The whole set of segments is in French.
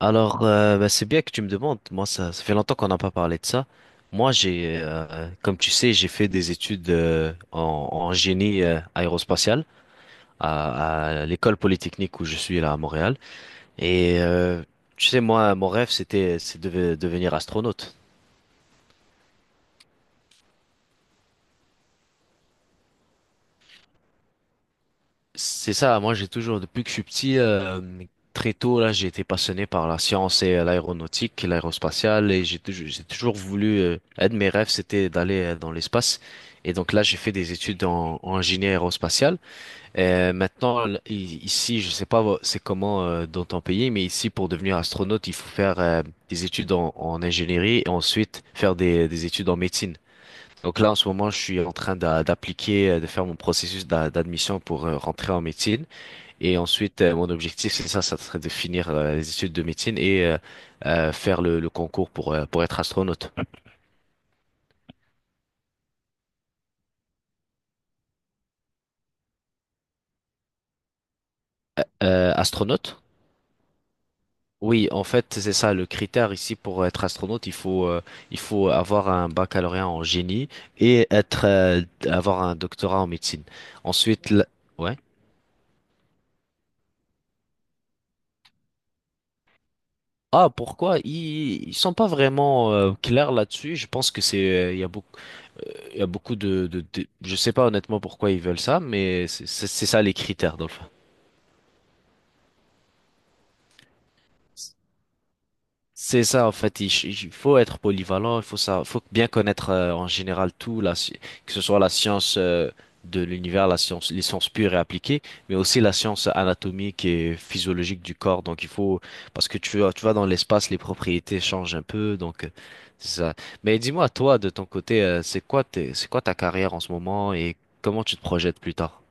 Alors, c'est bien que tu me demandes. Moi, ça fait longtemps qu'on n'a pas parlé de ça. Moi, comme tu sais, j'ai fait des études en génie aérospatial à l'école polytechnique où je suis là à Montréal. Et euh, Tu sais, moi, mon rêve, c'est de devenir astronaute. C'est ça, moi j'ai toujours, depuis que je suis petit, très tôt, là, j'ai été passionné par la science et l'aéronautique, l'aérospatiale, et j'ai toujours voulu, un de mes rêves, c'était d'aller dans l'espace. Et donc là, j'ai fait des études en génie aérospatial. Et maintenant, ici, je sais pas vo- c'est comment dans ton pays, mais ici, pour devenir astronaute, il faut faire des études en ingénierie et ensuite faire des études en médecine. Donc là, en ce moment, je suis en train d'appliquer, de faire mon processus d'admission pour rentrer en médecine. Et ensuite, mon objectif, c'est ça, ça serait de finir les études de médecine et faire le concours pour être astronaute. Astronaute? Oui, en fait, c'est ça, le critère ici pour être astronaute, il faut avoir un baccalauréat en génie et avoir un doctorat en médecine. Ensuite, ouais. Ah, pourquoi? Ils sont pas vraiment clairs là-dessus. Je pense que il y a beaucoup, il y a beaucoup de je sais pas honnêtement pourquoi ils veulent ça, mais c'est ça les critères dans le fond. C'est ça, en fait, il faut être polyvalent, il faut ça, faut bien connaître en général tout, que ce soit la science de l'univers, la science, les sciences pures et appliquées, mais aussi la science anatomique et physiologique du corps. Donc il faut, parce que tu vois dans l'espace, les propriétés changent un peu, c'est ça. Mais dis-moi, toi, de ton côté, c'est quoi c'est quoi ta carrière en ce moment et comment tu te projettes plus tard?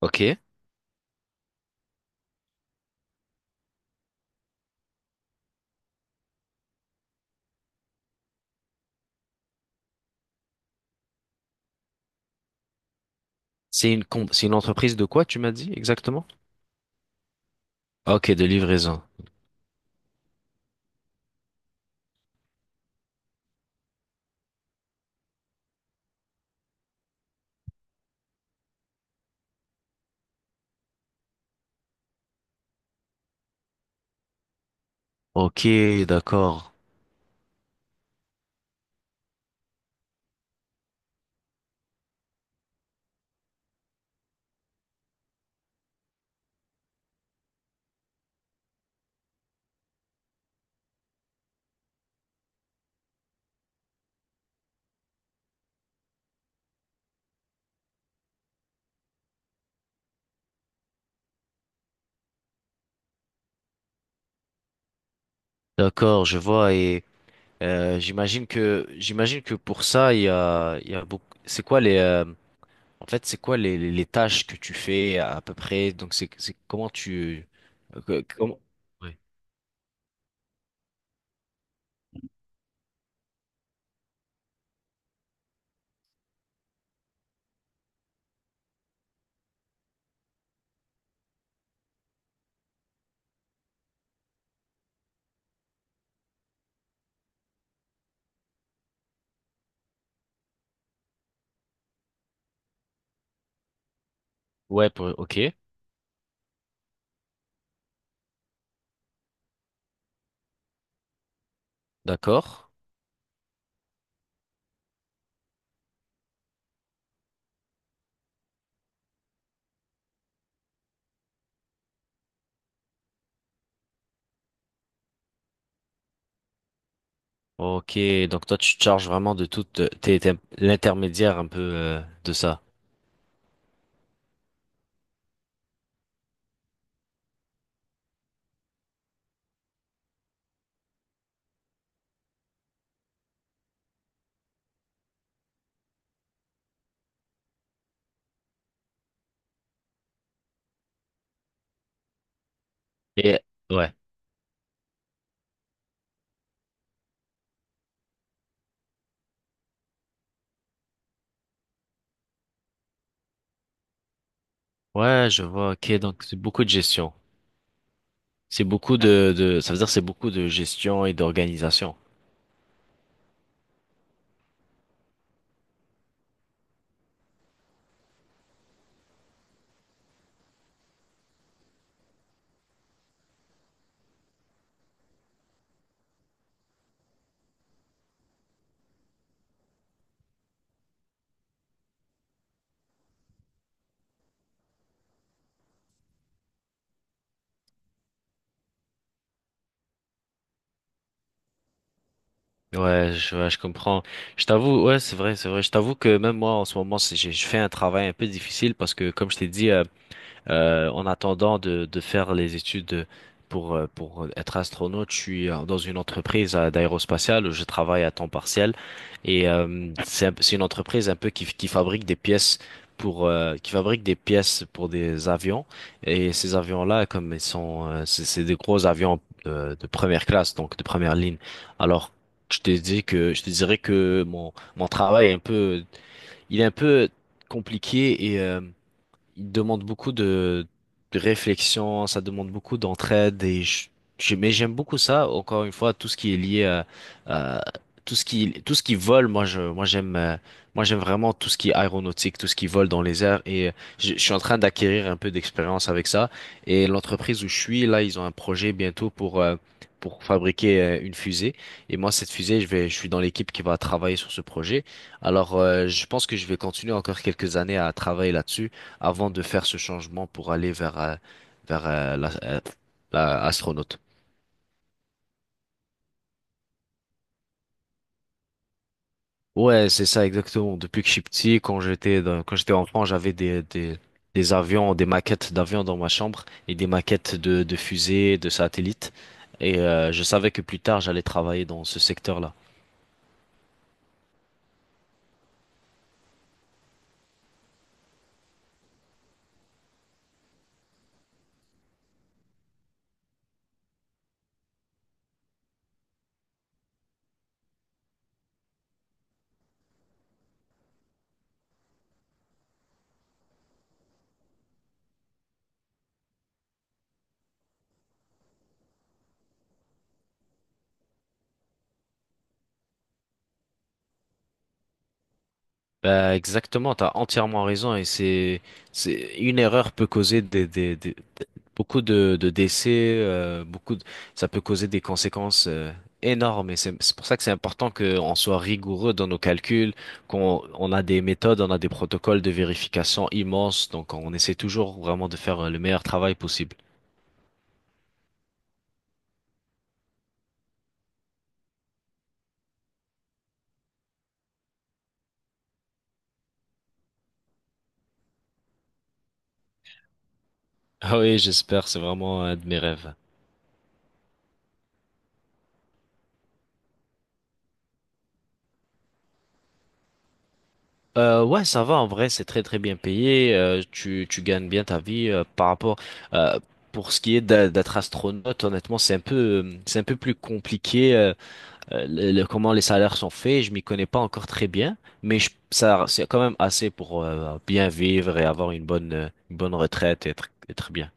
Ok. C'est une, c'est une entreprise de quoi, tu m'as dit exactement? Ok, de livraison. Ok, d'accord. D'accord, je vois et j'imagine que pour ça il y a beaucoup c'est quoi les en fait c'est quoi les tâches que tu fais à peu près donc c'est comment tu comment ouais ouais OK d'accord OK donc toi tu te charges vraiment de tout t'es l'intermédiaire un peu de ça et ouais ouais je vois OK donc c'est beaucoup de gestion c'est beaucoup de ça veut dire c'est beaucoup de gestion et d'organisation. Ouais, ouais, je comprends. Je t'avoue, ouais, c'est vrai, c'est vrai. Je t'avoue que même moi, en ce moment, je fais un travail un peu difficile parce que, comme je t'ai dit, en attendant de faire les études pour être astronaute, je suis dans une entreprise d'aérospatiale où je travaille à temps partiel et c'est une entreprise un peu qui fabrique des pièces pour qui fabrique des pièces pour des avions et ces avions-là comme ils sont c'est des gros avions de première classe donc de première ligne. Alors je te dirais que mon travail est un peu il est un peu compliqué il demande beaucoup de réflexion, ça demande beaucoup d'entraide et mais j'aime beaucoup ça. Encore une fois, tout ce qui est lié à, à- tout ce qui vole, moi j'aime vraiment tout ce qui est aéronautique, tout ce qui vole dans les airs et je suis en train d'acquérir un peu d'expérience avec ça et l'entreprise où je suis là, ils ont un projet bientôt pour fabriquer une fusée et moi cette fusée je suis dans l'équipe qui va travailler sur ce projet alors je pense que je vais continuer encore quelques années à travailler là-dessus avant de faire ce changement pour aller vers, vers la astronaute. Ouais, c'est ça exactement. Depuis que je suis petit, quand j'étais quand j'étais enfant, j'avais des avions, des maquettes d'avions dans ma chambre et des maquettes de fusées, de satellites. Et je savais que plus tard, j'allais travailler dans ce secteur-là. Bah exactement, t'as entièrement raison et c'est une erreur peut causer beaucoup de décès, euh, beaucoup de, ça peut causer des conséquences énormes et c'est pour ça que c'est important qu'on soit rigoureux dans nos calculs, qu'on on a des méthodes, on a des protocoles de vérification immenses, donc on essaie toujours vraiment de faire le meilleur travail possible. Ah oui, j'espère, c'est vraiment un de mes rêves. Ouais, ça va en vrai, c'est très très bien payé. Tu tu gagnes bien ta vie par rapport euh, pour ce qui est d'être astronaute. Honnêtement, c'est un peu plus compliqué comment les salaires sont faits. Je m'y connais pas encore très bien, mais ça c'est quand même assez pour bien vivre et avoir une bonne retraite et être bien.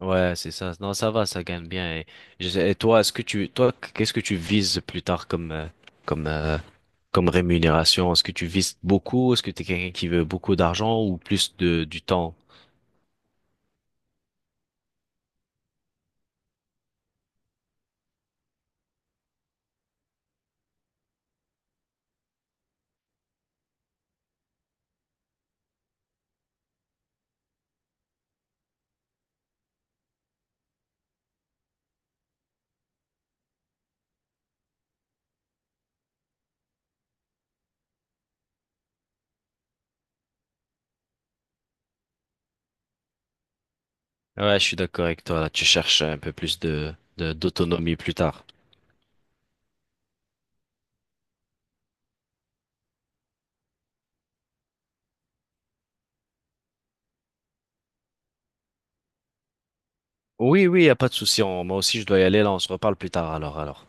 Ouais, c'est ça. Non, ça va, ça gagne bien. Et, et toi, est-ce que tu toi qu'est-ce que tu vises plus tard comme comme euh, comme rémunération? Est-ce que tu vises beaucoup? Est-ce que tu es quelqu'un qui veut beaucoup d'argent ou plus de du temps? Ouais, je suis d'accord avec toi. Là, tu cherches un peu plus d'autonomie plus tard. Oui, oui, y a pas de souci. Moi aussi, je dois y aller. Là, on se reparle plus tard. Alors, alors.